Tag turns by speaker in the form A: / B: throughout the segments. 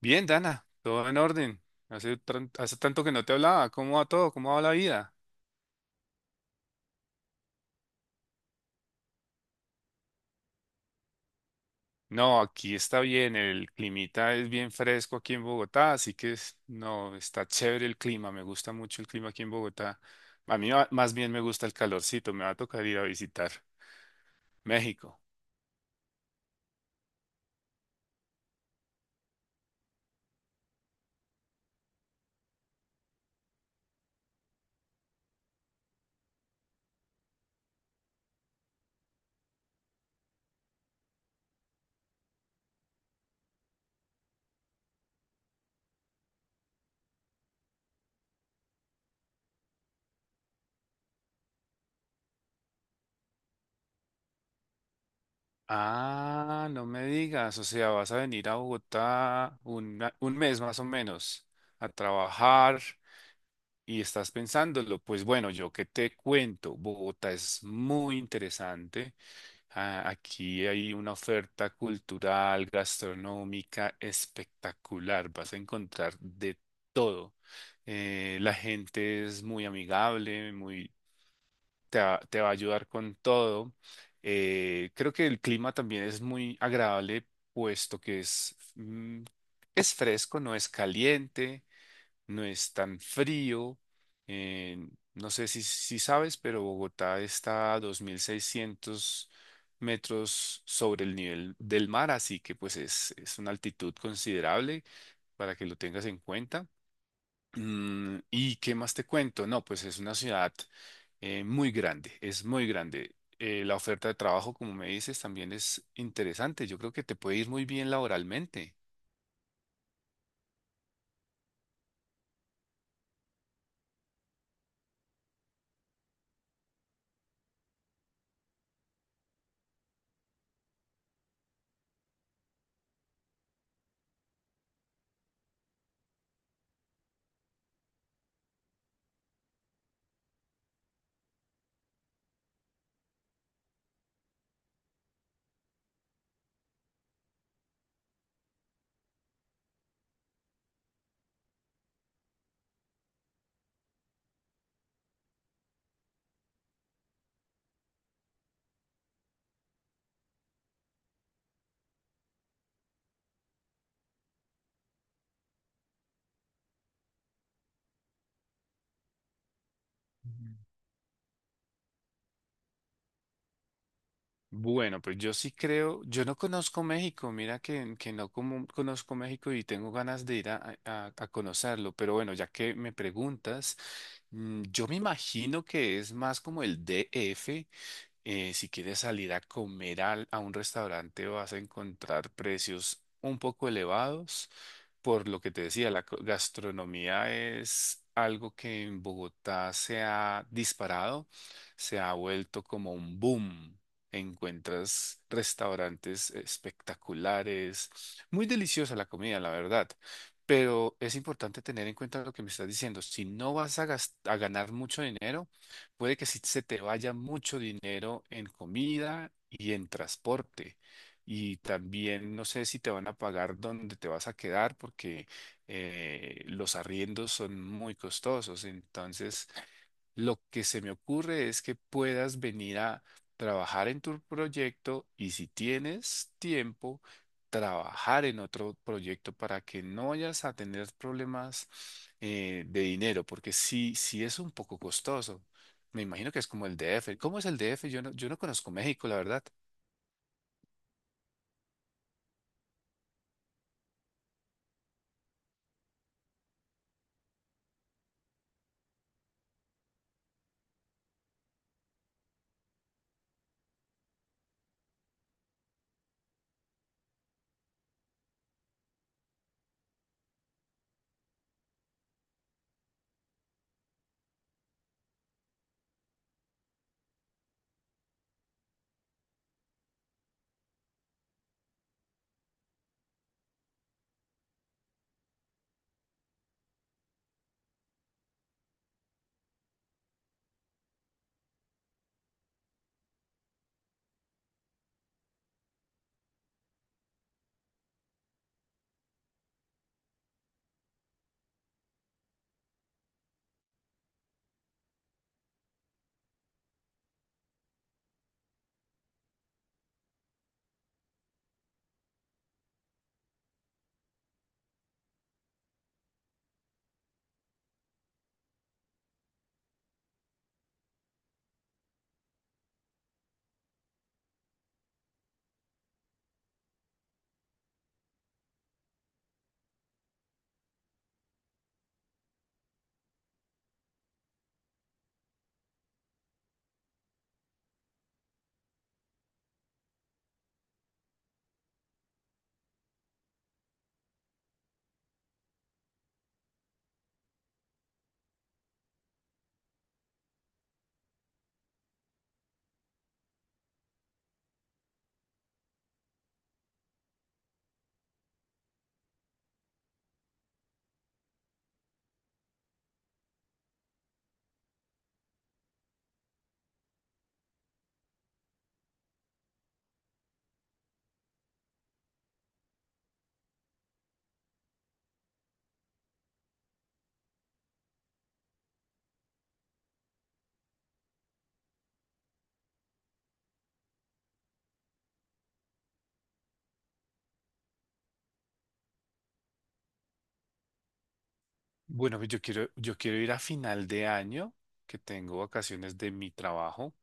A: Bien, Dana, todo en orden. Hace tanto que no te hablaba. ¿Cómo va todo? ¿Cómo va la vida? No, aquí está bien. El climita es bien fresco aquí en Bogotá, así que no, está chévere el clima. Me gusta mucho el clima aquí en Bogotá. Más bien me gusta el calorcito. Me va a tocar ir a visitar México. Ah, no me digas. O sea, vas a venir a Bogotá un mes más o menos a trabajar, y estás pensándolo. Pues bueno, yo qué te cuento, Bogotá es muy interesante. Ah, aquí hay una oferta cultural, gastronómica espectacular, vas a encontrar de todo. La gente es muy amigable, te va a ayudar con todo. Creo que el clima también es muy agradable, puesto que es fresco, no es caliente, no es tan frío. eh, no sé si sabes, pero Bogotá está a 2.600 metros sobre el nivel del mar, así que es una altitud considerable para que lo tengas en cuenta. ¿Y qué más te cuento? No, pues es una ciudad muy grande, es muy grande. La oferta de trabajo, como me dices, también es interesante. Yo creo que te puede ir muy bien laboralmente. Bueno, pues yo sí creo, yo no conozco México, mira que no como- conozco México y tengo ganas de a conocerlo, pero bueno, ya que me preguntas, yo me imagino que es más como el DF. Si quieres salir a comer a un restaurante vas a encontrar precios un poco elevados. Por lo que te decía, la gastronomía es algo que en Bogotá se ha disparado, se ha vuelto como un boom. Encuentras restaurantes espectaculares, muy deliciosa la comida, la verdad. Pero es importante tener en cuenta lo que me estás diciendo. Si no vas a a ganar mucho dinero, puede que sí se te vaya mucho dinero en comida y en transporte. Y también no sé si te van a pagar dónde te vas a quedar, porque los arriendos son muy costosos. Entonces, lo que se me ocurre es que puedas venir a trabajar en tu proyecto y si tienes tiempo, trabajar en otro proyecto para que no vayas a tener problemas de dinero, porque sí es un poco costoso. Me imagino que es como el DF. ¿Cómo es el DF? Yo no conozco México, la verdad. Bueno, yo quiero ir a final de año, que tengo vacaciones de mi trabajo,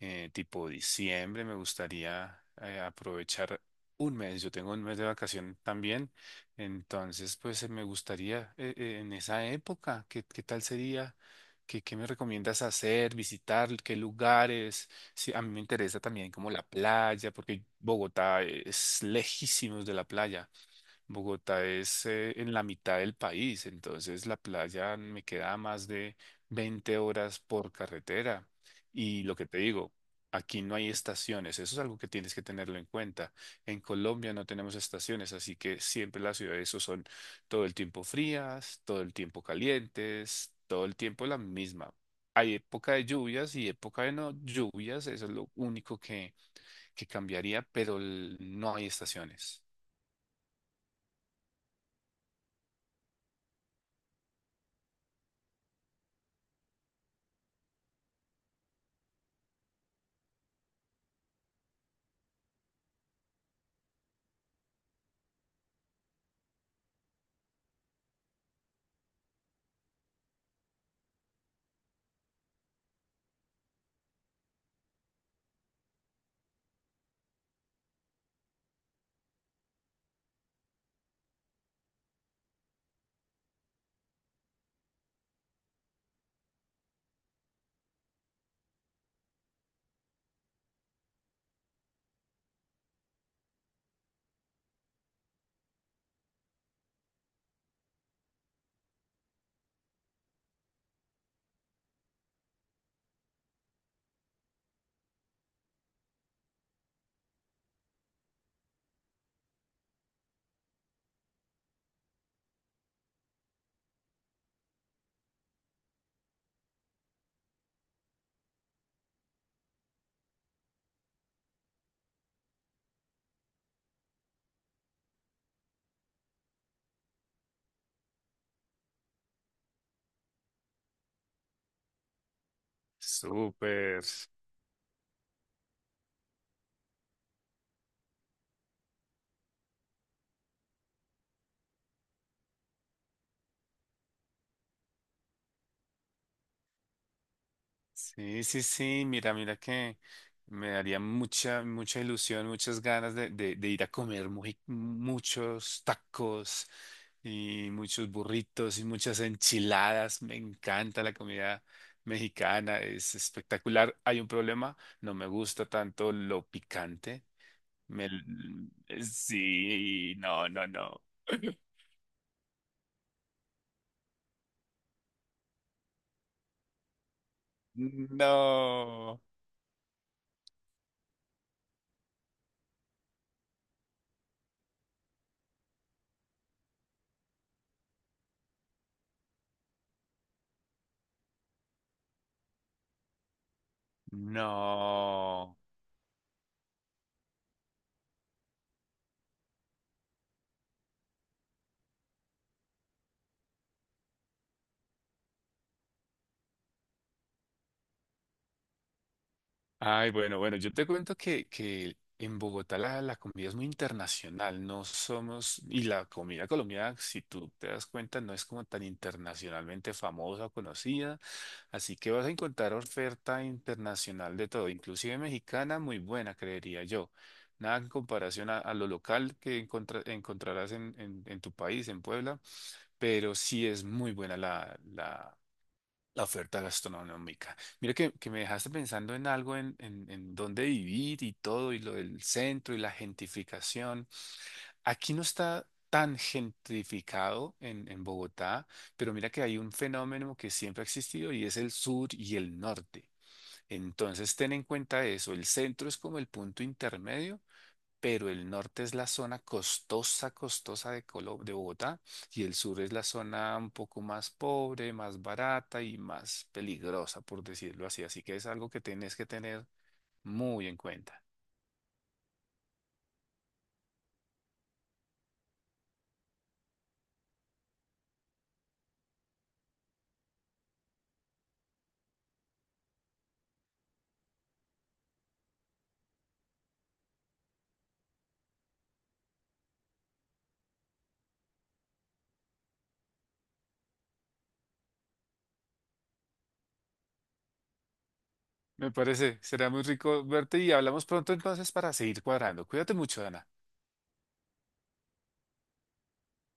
A: tipo diciembre. Me gustaría aprovechar un mes. Yo tengo un mes de vacación también, entonces me gustaría, en esa época, qué tal sería? Qué me recomiendas hacer, visitar, qué lugares? Sí, a mí me interesa también como la playa, porque Bogotá es lejísimos de la playa. Bogotá es en la mitad del país, entonces la playa me queda a más de 20 horas por carretera. Y lo que te digo, aquí no hay estaciones, eso es algo que tienes que tenerlo en cuenta. En Colombia no tenemos estaciones, así que siempre las ciudades o son todo el tiempo frías, todo el tiempo calientes, todo el tiempo la misma. Hay época de lluvias y época de no lluvias, eso es lo único que cambiaría, pero no hay estaciones. Súper. Sí, sí, sí, mira que me daría mucha ilusión, muchas ganas de ir a comer muchos tacos y muchos burritos y muchas enchiladas. Me encanta la comida mexicana, es espectacular. Hay un problema, no me gusta tanto lo picante. Me, sí, no, no, no. No, no. Ay, bueno, bueno, yo te cuento que en Bogotá la comida es muy internacional, no somos, y la comida colombiana, si tú te das cuenta, no es como tan internacionalmente famosa o conocida, así que vas a encontrar oferta internacional de todo, inclusive mexicana, muy buena, creería yo. Nada en comparación a lo local que encontrarás en tu país, en Puebla, pero sí es muy buena la oferta gastronómica. Mira que me dejaste pensando en algo, en dónde vivir y todo, y lo del centro y la gentrificación. Aquí no está tan gentrificado en Bogotá, pero mira que hay un fenómeno que siempre ha existido y es el sur y el norte. Entonces ten en cuenta eso, el centro es como el punto intermedio, pero el norte es la zona costosa de de Bogotá, y el sur es la zona un poco más pobre, más barata y más peligrosa, por decirlo así. Así que es algo que tienes que tener muy en cuenta. Me parece, será muy rico verte y hablamos pronto entonces para seguir cuadrando. Cuídate mucho, Ana.